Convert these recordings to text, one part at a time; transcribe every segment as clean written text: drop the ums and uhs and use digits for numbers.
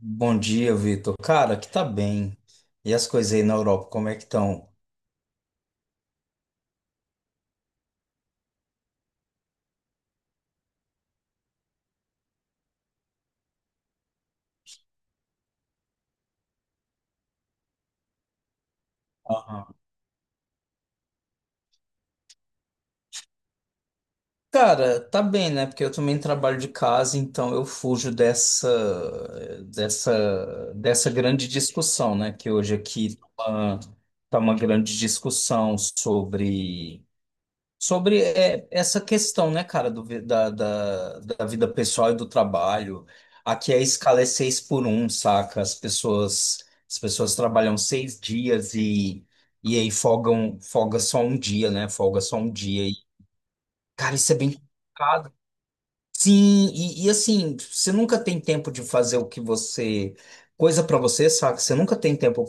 Bom dia, Vitor. Cara, que tá bem. E as coisas aí na Europa, como é que estão? Aham. Cara, tá bem, né? Porque eu também trabalho de casa, então eu fujo dessa grande discussão, né? Que hoje aqui tá uma, grande discussão sobre essa questão, né, cara, do, vi- da, da, da vida pessoal e do trabalho. Aqui a escala é seis por um, saca? As pessoas trabalham 6 dias e aí folgam, folga só um dia, né? Folga só um dia. E, cara, isso é bem complicado. Sim, e assim, você nunca tem tempo de fazer o que você. Coisa pra você, saca? Você nunca tem tempo,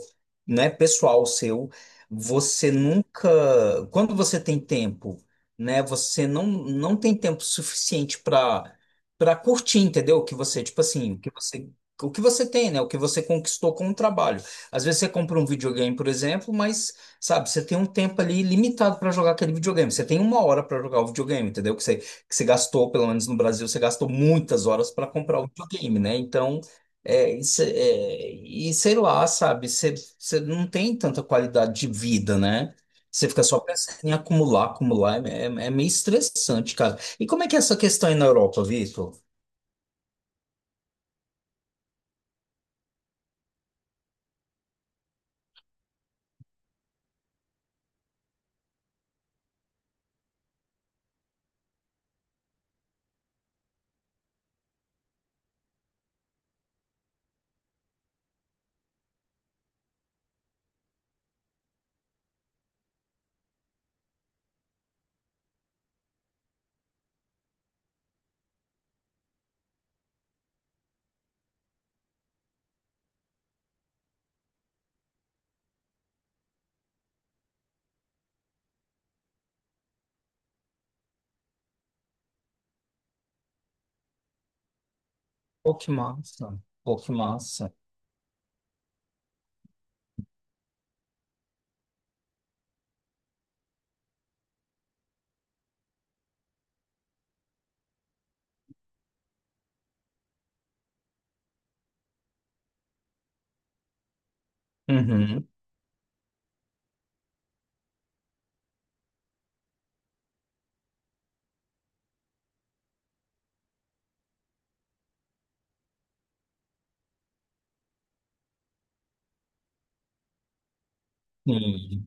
né, pessoal seu. Você nunca. Quando você tem tempo, né, você não tem tempo suficiente pra para curtir, entendeu? O que você, tipo assim, o que você. O que você tem, né? O que você conquistou com o trabalho. Às vezes você compra um videogame, por exemplo, mas, sabe, você tem um tempo ali limitado pra jogar aquele videogame. Você tem uma hora pra jogar o videogame, entendeu? Que você gastou, pelo menos no Brasil, você gastou muitas horas para comprar o videogame, né? Então, isso, e sei lá, sabe, você não tem tanta qualidade de vida, né? Você fica só pensando em acumular, acumular, é meio estressante, cara. E como é que é essa questão aí na Europa, Vitor? Pô, que massa, pô, que massa. Uhum. Sim.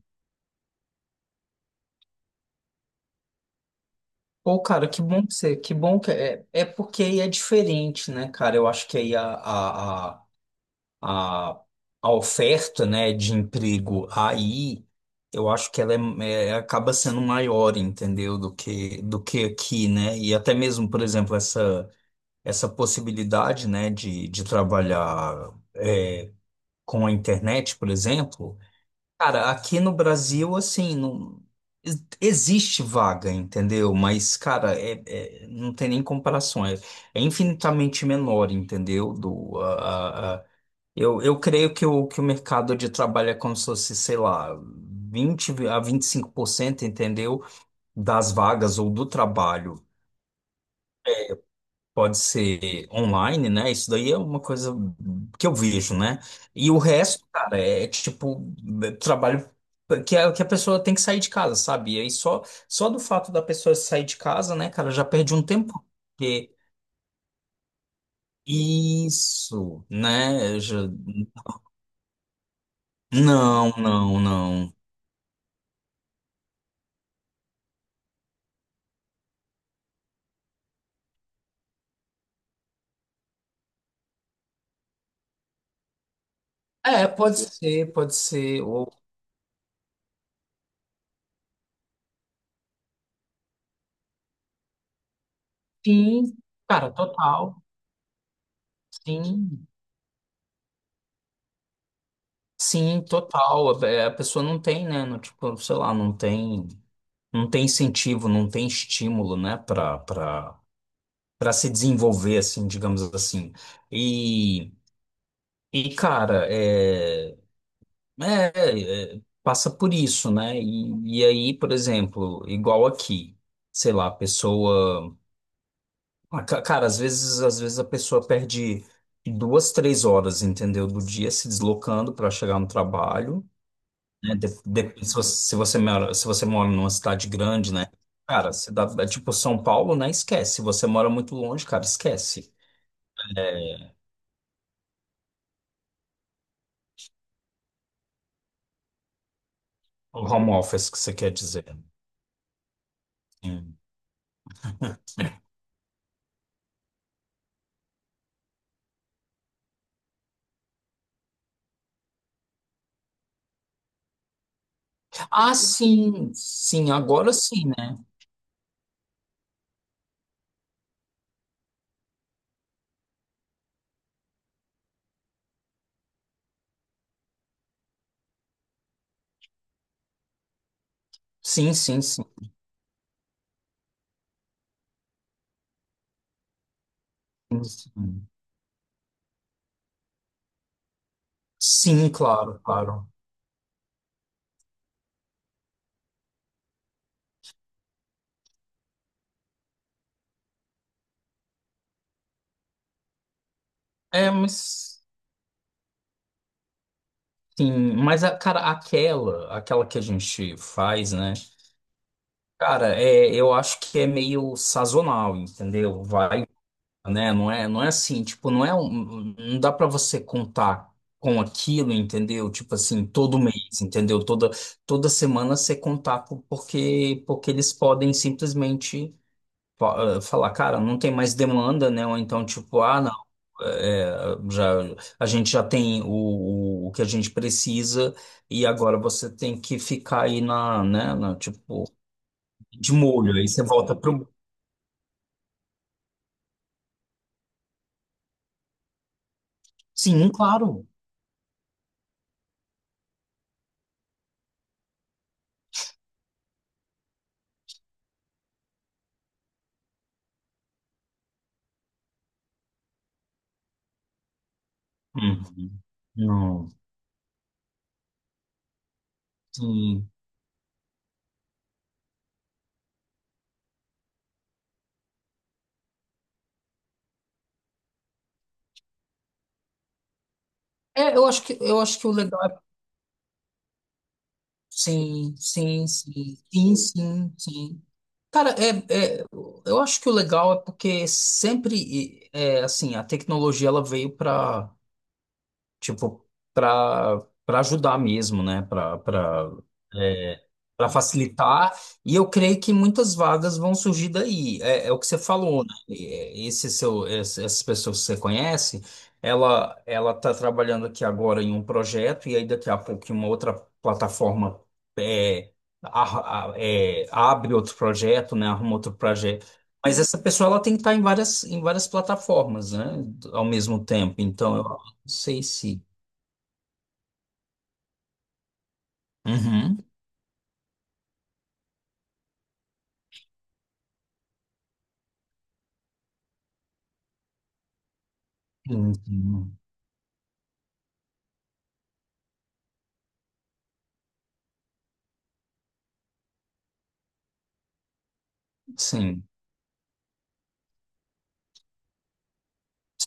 Pô, cara, que bom que você, que bom que é, é porque aí é diferente, né, cara? Eu acho que aí a, a oferta, né, de emprego aí, eu acho que ela acaba sendo maior, entendeu, do que aqui, né? E até mesmo, por exemplo, essa possibilidade, né, de trabalhar com a internet, por exemplo, cara, aqui no Brasil, assim, não. Existe vaga, entendeu? Mas, cara, não tem nem comparação. É infinitamente menor, entendeu? Do, eu creio que o mercado de trabalho é como se fosse, sei lá, 20 a 25%, entendeu? Das vagas ou do trabalho pode ser online, né? Isso daí é uma coisa que eu vejo, né? E o resto, cara, é tipo é trabalho que a pessoa tem que sair de casa, sabe? E aí só do fato da pessoa sair de casa, né, cara, já perde um tempo. Porque isso, né? Já- Não, não, não. É, pode ser, pode ser. Ou... Sim, cara, total. Sim, sim, total. É, a pessoa não tem, né? Não, tipo, sei lá, não tem incentivo, não tem estímulo, né? Pra se desenvolver, assim, digamos assim. E, e cara, passa por isso, né? E aí, por exemplo, igual aqui, sei lá, a pessoa. Ah, ca- Cara, às vezes a pessoa perde duas, três horas, entendeu? Do dia se deslocando para chegar no trabalho. Né? De- se você, se você mora, se você mora numa cidade grande, né? Cara, cidade, é tipo São Paulo, né? Esquece. Se você mora muito longe, cara, esquece. O home office que você quer dizer. Sim. Ah, sim, sim, agora sim, né? Sim, sim, sim. Sim, sim. Sim, claro, claro. É, mas. Sim, mas cara, aquela que a gente faz, né? Cara, é, eu acho que é meio sazonal, entendeu? Vai, né? Não é assim, tipo, não é um, não dá pra você contar com aquilo, entendeu? Tipo assim, todo mês, entendeu? Toda toda semana você contar porque eles podem simplesmente falar, cara, não tem mais demanda, né? Ou então, tipo, ah, não, eh, já, a gente já tem o, o que a gente precisa e agora você tem que ficar aí na, né, na, tipo, de molho. Aí você volta pro... Sim, claro. Uhum. Não, sim. É, eu acho que o legal é... Sim, sim, sim. Sim, sim, sim. Cara, eu acho que o legal é porque sempre, é, assim, a tecnologia ela veio para tipo, para para ajudar mesmo, né? Para é, para facilitar. E eu creio que muitas vagas vão surgir daí. É, é o que você falou, né? Esse seu, essas pessoas que você conhece, ela está trabalhando aqui agora em um projeto e aí daqui a pouco em uma outra plataforma, é, abre outro projeto, né? Arruma outro projeto. Mas essa pessoa ela tem que estar em várias plataformas, né? Ao mesmo tempo. Então, eu sei se. Uhum. Sim, sim. Sim,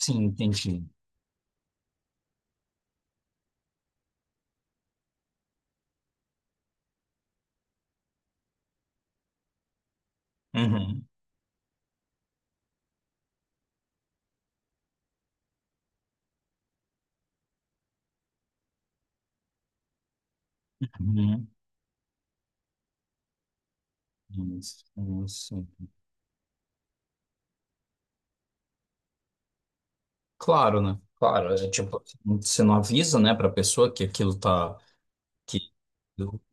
sim, entendi. Uhum. Uhum. Isso, isso. Claro, né? Claro, é tipo, você não avisa, né, pra pessoa que aquilo tá.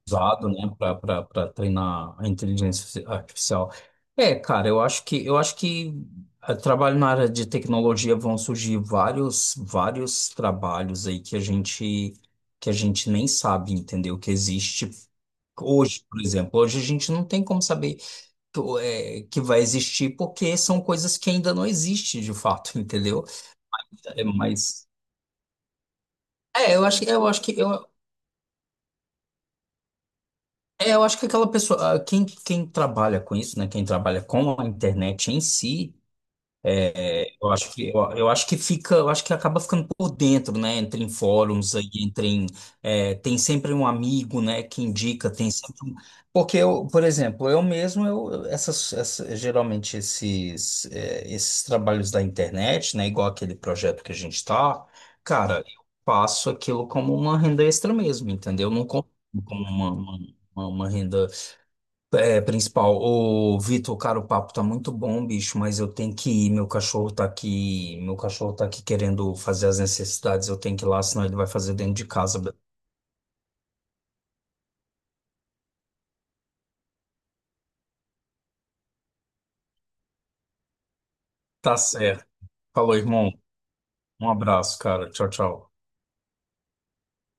Usado, né, para treinar a inteligência artificial. É, cara, eu acho que trabalho na área de tecnologia vão surgir vários trabalhos aí que a gente nem sabe, entendeu? Que existe hoje, por exemplo. Hoje a gente não tem como saber que, que vai existir porque são coisas que ainda não existem de fato, entendeu? É, mas que eu acho que eu, É, eu acho que aquela pessoa, ah, quem trabalha com isso, né? Quem trabalha com a internet em si, eu acho que fica, eu acho que acaba ficando por dentro, né? Entre em fóruns aí, entre em, tem sempre um amigo, né? Que indica, tem sempre um... Porque eu, por exemplo, eu mesmo, geralmente esses, esses trabalhos da internet, né? Igual aquele projeto que a gente tá, cara, eu faço aquilo como uma renda extra mesmo, entendeu? Não como como uma renda principal. Ô, Vitor, cara, o papo tá muito bom, bicho, mas eu tenho que ir. Meu cachorro tá aqui, meu cachorro tá aqui querendo fazer as necessidades. Eu tenho que ir lá, senão ele vai fazer dentro de casa. Tá certo. Falou, irmão. Um abraço, cara. Tchau, tchau.